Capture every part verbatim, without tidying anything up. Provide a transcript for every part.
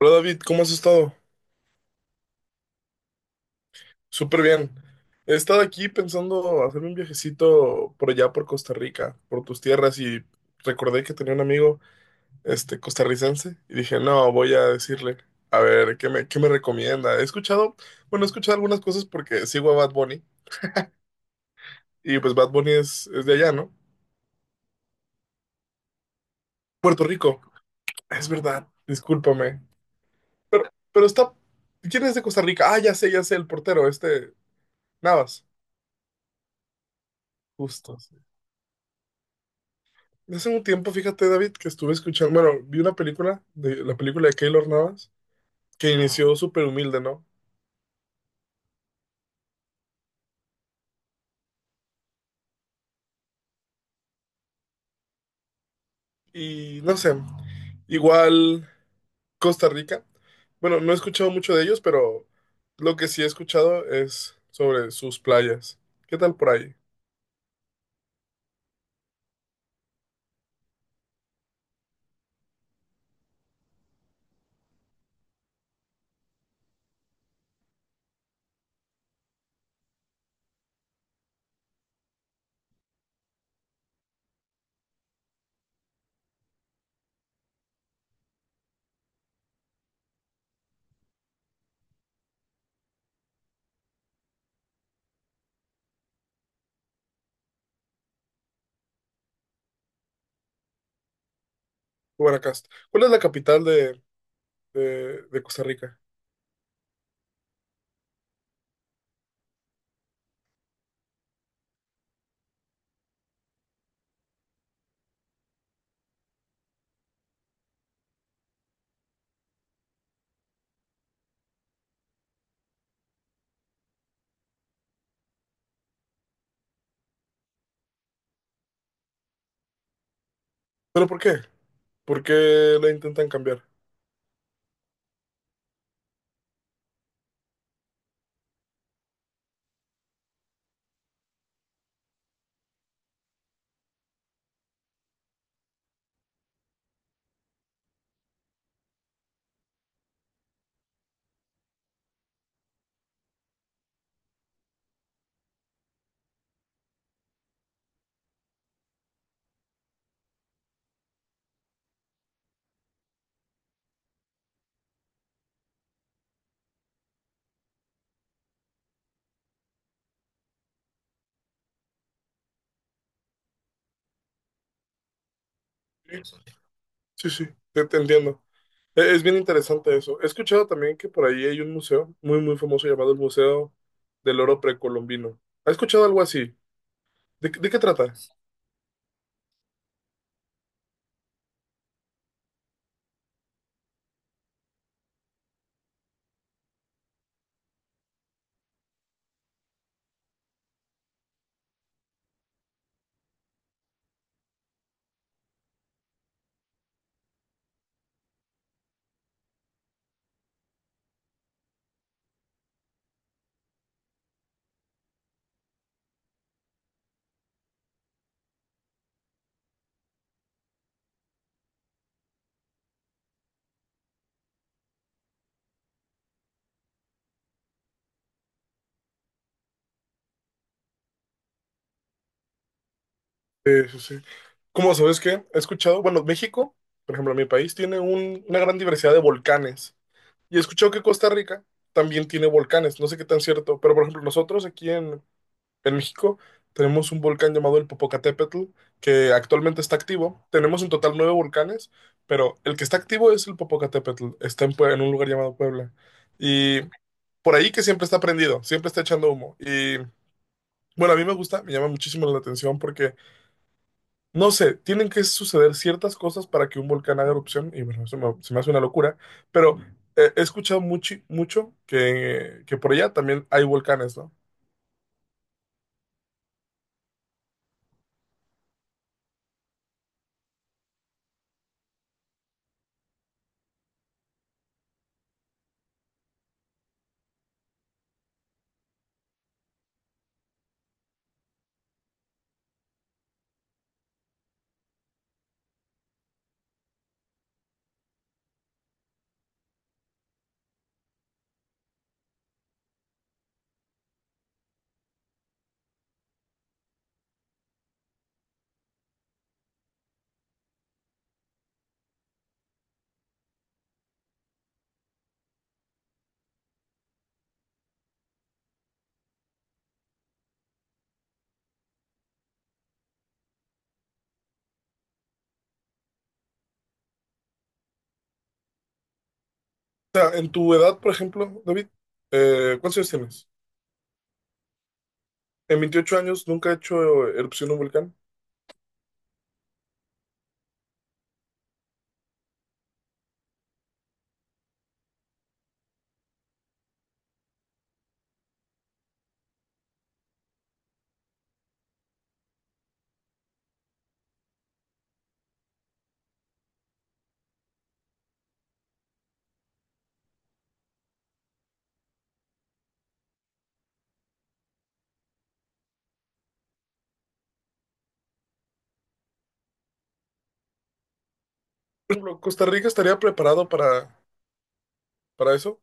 Hola David, ¿cómo has estado? Súper bien. He estado aquí pensando hacerme un viajecito por allá por Costa Rica, por tus tierras y recordé que tenía un amigo este costarricense y dije, "No, voy a decirle, a ver, ¿qué me qué me recomienda?" He escuchado, bueno, he escuchado algunas cosas porque sigo a Bad Bunny y pues Bad Bunny es, es de allá, ¿no? Puerto Rico. Es verdad. Discúlpame. Pero pero está ¿Quién es de Costa Rica? Ah, ya sé, ya sé, el portero, este Navas. Justo. Hace un tiempo, fíjate, David, que estuve escuchando, bueno, vi una película, de, la película de Keylor Navas, que inició súper humilde, ¿no? Y no sé, igual Costa Rica. Bueno, no he escuchado mucho de ellos, pero lo que sí he escuchado es sobre sus playas. ¿Qué tal por ahí? Guanacaste. ¿Cuál es la capital de, de, de Costa Rica? ¿Pero por qué? ¿Por qué la intentan cambiar? Sí, sí, te, te entiendo. E- Es bien interesante eso. He escuchado también que por ahí hay un museo muy, muy famoso llamado el Museo del Oro Precolombino. ¿Ha escuchado algo así? ¿De, qué de qué trata? Eh, sí, sí. ¿Cómo sabes qué? He escuchado, bueno, México, por ejemplo, mi país tiene un- una gran diversidad de volcanes. Y he escuchado que Costa Rica también tiene volcanes. No sé qué tan cierto, pero por ejemplo, nosotros aquí en, En México tenemos un volcán llamado el Popocatépetl, que actualmente está activo. Tenemos en total nueve volcanes, pero el que está activo es el Popocatépetl. Está en, Pue- en un lugar llamado Puebla. Y por ahí que siempre está prendido, siempre está echando humo. Y bueno, a mí me gusta, me llama muchísimo la atención porque, no sé, tienen que suceder ciertas cosas para que un volcán haga erupción. Y bueno, eso me- se me hace una locura. Pero eh, he escuchado mucho, mucho que, que por allá también hay volcanes, ¿no? sea, en tu edad, por ejemplo, David, eh, ¿cuántos años tienes? En veintiocho años nunca he hecho erupción de un volcán. Por ejemplo, ¿Costa Rica estaría preparado para, para eso?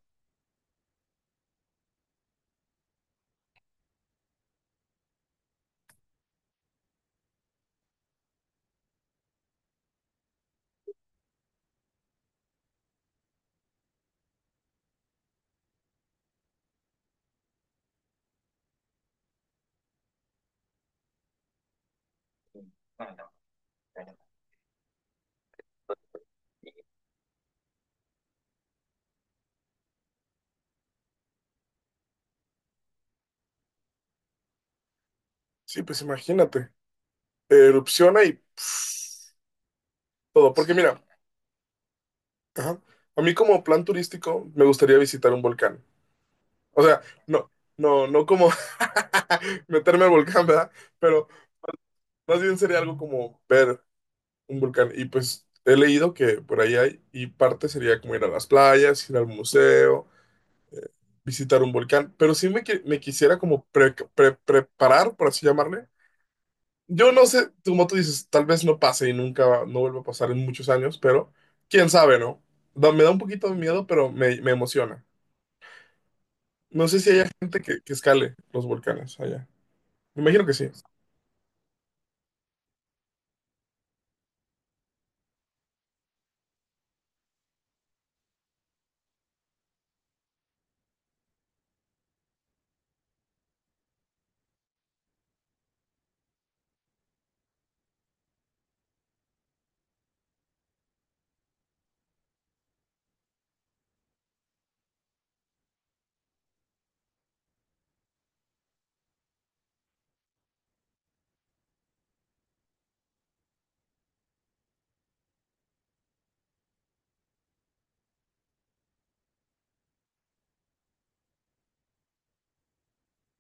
Sí, pues imagínate. Erupciona y pff, todo. Porque mira, ajá, a mí como plan turístico me gustaría visitar un volcán. O sea, no, no, no como meterme al volcán, ¿verdad? Pero más bien sería algo como ver un volcán. Y pues he leído que por ahí hay, y parte sería como ir a las playas, ir al museo visitar un volcán, pero sí me, qui- me quisiera como pre- pre- preparar, por así llamarle. Yo no sé, como tú dices, tal vez no pase y nunca, no vuelva a pasar en muchos años, pero quién sabe, ¿no? Da- me da un poquito de miedo, pero me, me emociona. No sé si hay gente que, que escale los volcanes allá. Me imagino que sí.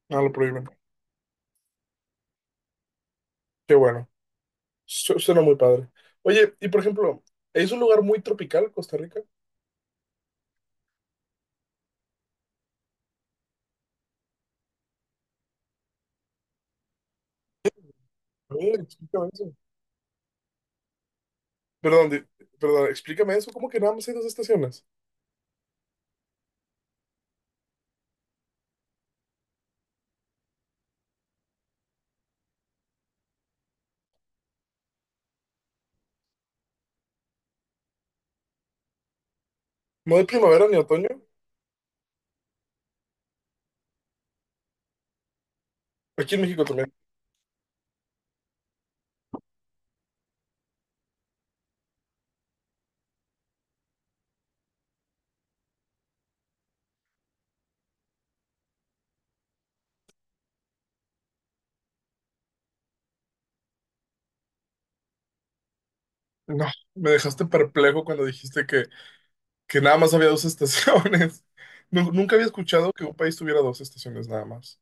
No lo prohíben. Qué bueno. Su- suena muy padre. Oye, y por ejemplo, ¿es un lugar muy tropical, Costa Rica? A ver, explícame eso. Perdón, di- perdón, explícame eso. ¿Cómo que nada más hay dos estaciones? ¿No hay primavera ni otoño? Aquí en México también. No, me dejaste perplejo cuando dijiste que, que nada más había dos estaciones. Nu- nunca había escuchado que un país tuviera dos estaciones nada más.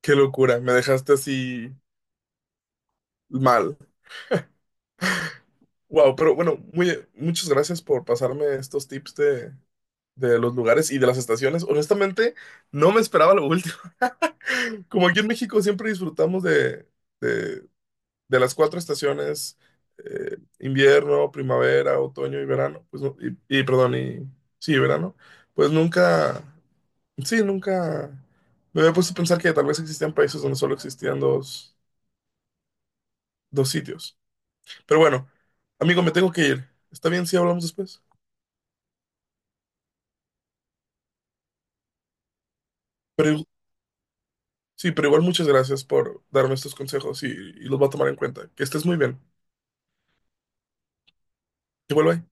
Qué locura, me dejaste así mal. Wow, pero bueno, muy, muchas gracias por pasarme estos tips de, de los lugares y de las estaciones. Honestamente, no me esperaba lo último. Como aquí en México siempre disfrutamos de, de de las cuatro estaciones, eh, invierno, primavera, otoño y verano, pues, no- y, y, perdón, y sí, verano, pues nunca, sí, nunca me había puesto a pensar que tal vez existían países donde solo existían dos, dos, sitios. Pero bueno, amigo, me tengo que ir. ¿Está bien si hablamos después? Pero, i- sí, pero igual muchas gracias por darme estos consejos y, y los voy a tomar en cuenta. Que estés muy bien. Que vuelva.